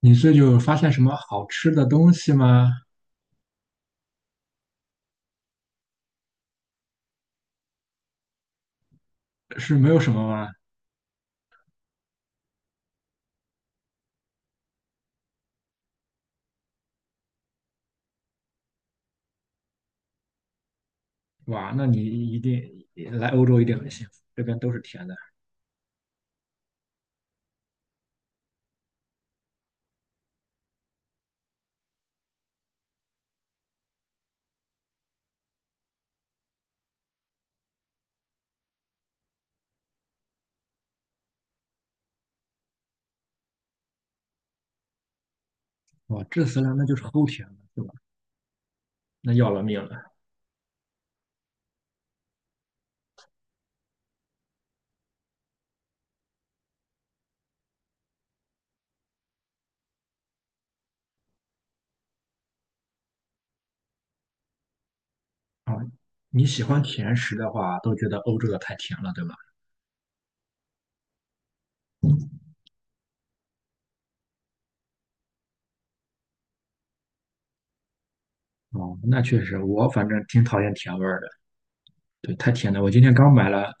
你这就发现什么好吃的东西吗？是没有什么吗？哇，那你一定来欧洲一定很幸福，这边都是甜的。哇，这次呢，那就是齁甜了，对吧？那要了命了啊！你喜欢甜食的话，都觉得欧洲的太甜了，对吧？哦，那确实，我反正挺讨厌甜味儿的，对，太甜了。我今天刚买了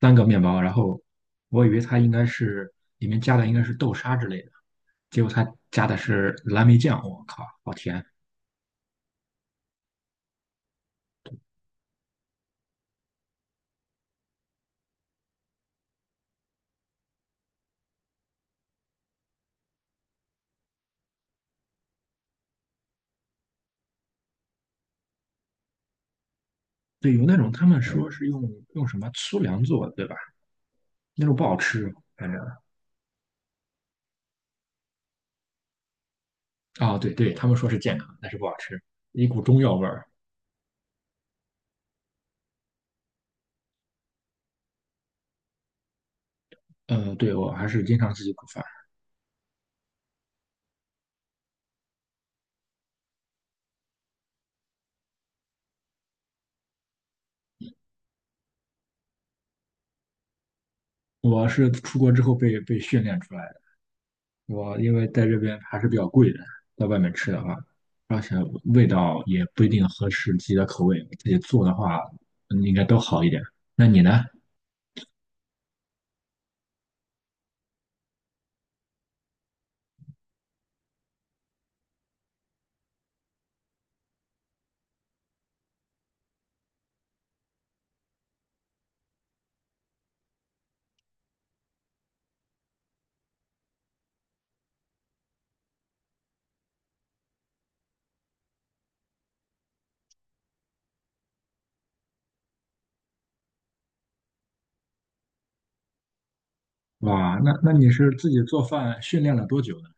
三个面包，然后我以为它应该是里面加的应该是豆沙之类的，结果它加的是蓝莓酱，我靠，好甜！对，有那种他们说是用什么粗粮做的，对吧？那种不好吃，反正啊，对对，他们说是健康，但是不好吃，一股中药味儿。嗯，对，我还是经常自己煮饭。我是出国之后被训练出来的。我因为在这边还是比较贵的，在外面吃的话，而且味道也不一定合适自己的口味。自己做的话，嗯应该都好一点。那你呢？哇，那你是自己做饭训练了多久呢？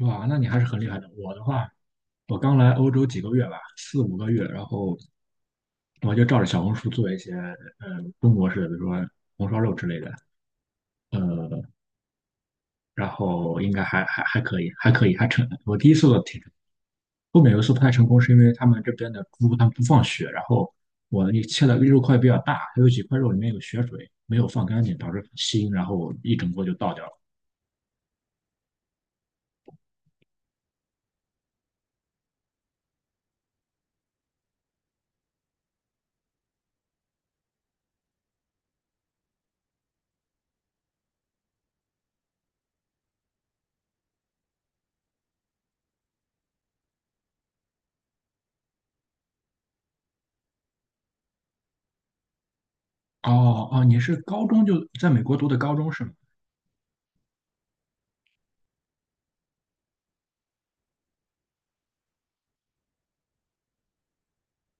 哇，那你还是很厉害的。我的话，我刚来欧洲几个月吧，四五个月，然后我就照着小红书做一些中国式的，比如说红烧肉之类的，呃，然后应该还可以，还可以，还成。我第一次做挺成。后面有一次不太成功，是因为他们这边的猪他们不放血，然后我那切的肉块比较大，还有几块肉里面有血水，没有放干净，导致很腥，然后一整锅就倒掉了。哦哦，你是高中就在美国读的高中是吗？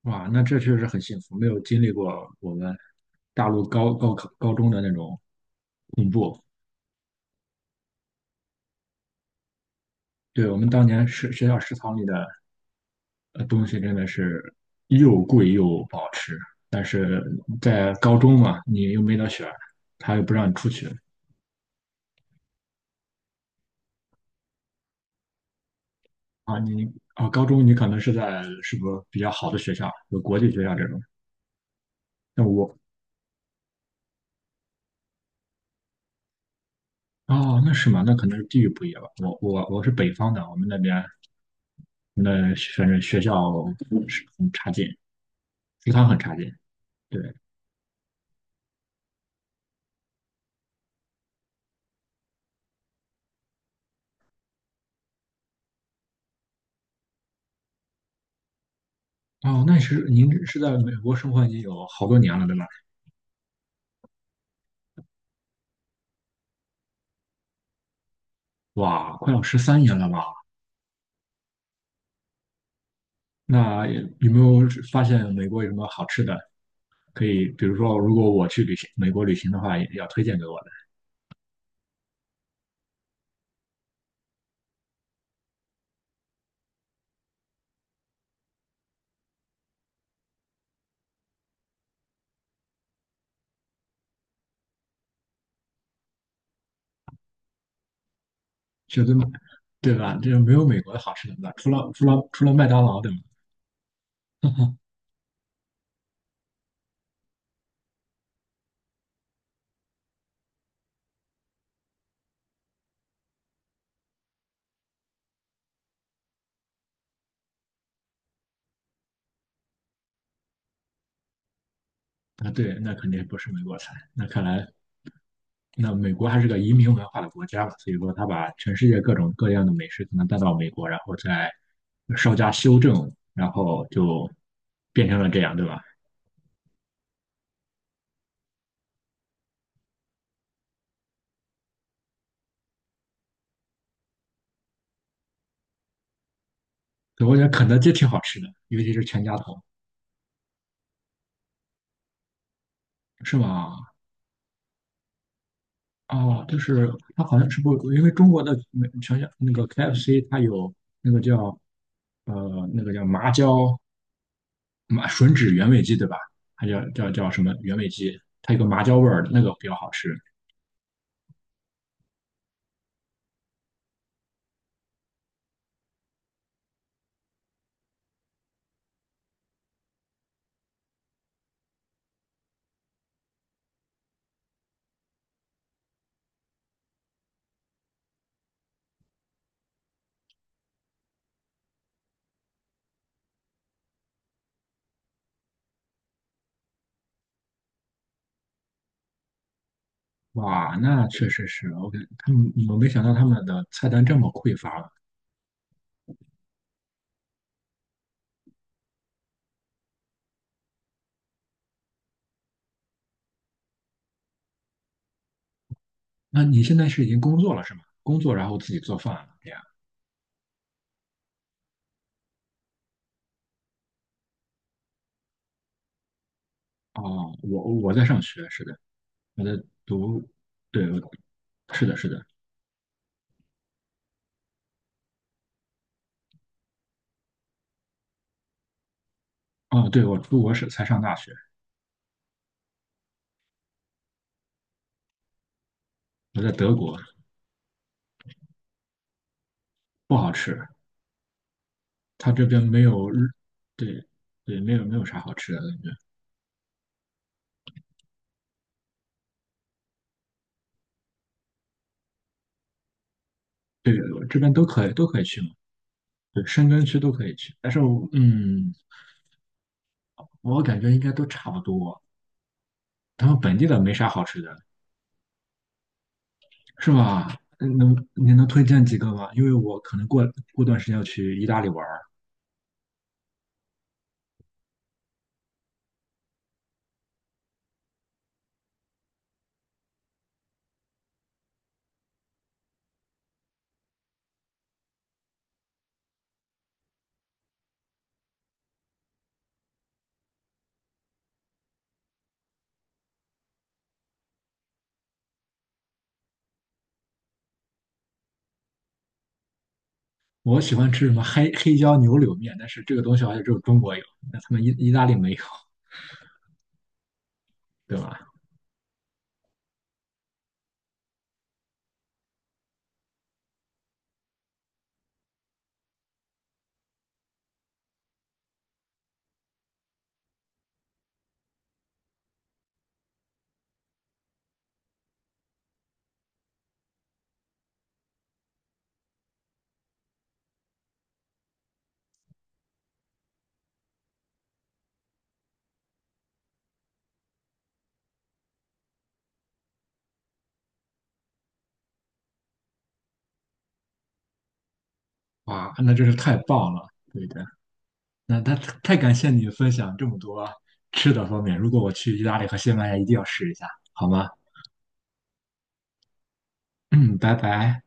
哇，那这确实很幸福，没有经历过我们大陆高考高中的那种恐怖。对，我们当年是学校食堂里的东西真的是又贵又不好吃，但是在高中嘛，你又没得选，他又不让你出去。啊，高中你可能是在是不是比较好的学校，有国际学校这种，那我啊，那是嘛，那可能是地域不一样吧。我是北方的，我们那边那反正学校是很差劲。食堂很差劲。对，哦，那是您是在美国生活已经有好多年了，对吧？哇，快要13年了吧？那有没有发现美国有什么好吃的？可以，比如说，如果我去旅行美国旅行的话，也要推荐给我的，绝对对吧？这没有美国的好吃的吧？除了麦当劳，对吗？啊，对，那肯定不是美国菜。那看来美国还是个移民文化的国家嘛，所以说他把全世界各种各样的美食可能带到美国，然后再稍加修正，然后就变成了这样，对吧？对，我觉得肯德基挺好吃的，尤其是全家桶，是吗？哦，就是它好像是不，因为中国的美全家那个 KFC 它有那个叫那个叫麻椒吮指原味鸡，对吧？它叫什么原味鸡？它有个麻椒味儿的那个比较好吃。哇，那确实是 OK。他们，我没想到他们的菜单这么匮乏了。那你现在是已经工作了是吗？工作然后自己做饭了这样。哦，我在上学，是的，我在读，对，我是的，是的。哦，对，我出国士才上大学，我在德国，不好吃，他这边没有日，对对，没有没有啥好吃的感觉。对，我这边都可以去嘛，对，申根区都可以去。但是我嗯，我感觉应该都差不多，他们本地的没啥好吃的。是吗？嗯能您能推荐几个吗？因为我可能过段时间要去意大利玩儿，我喜欢吃什么黑椒牛柳面，但是这个东西好像只有中国有，那他们意大利没有，对吧？哇，那真是太棒了！对的，那他太感谢你分享这么多吃的方面，如果我去意大利和西班牙，一定要试一下，好吗？嗯，拜拜。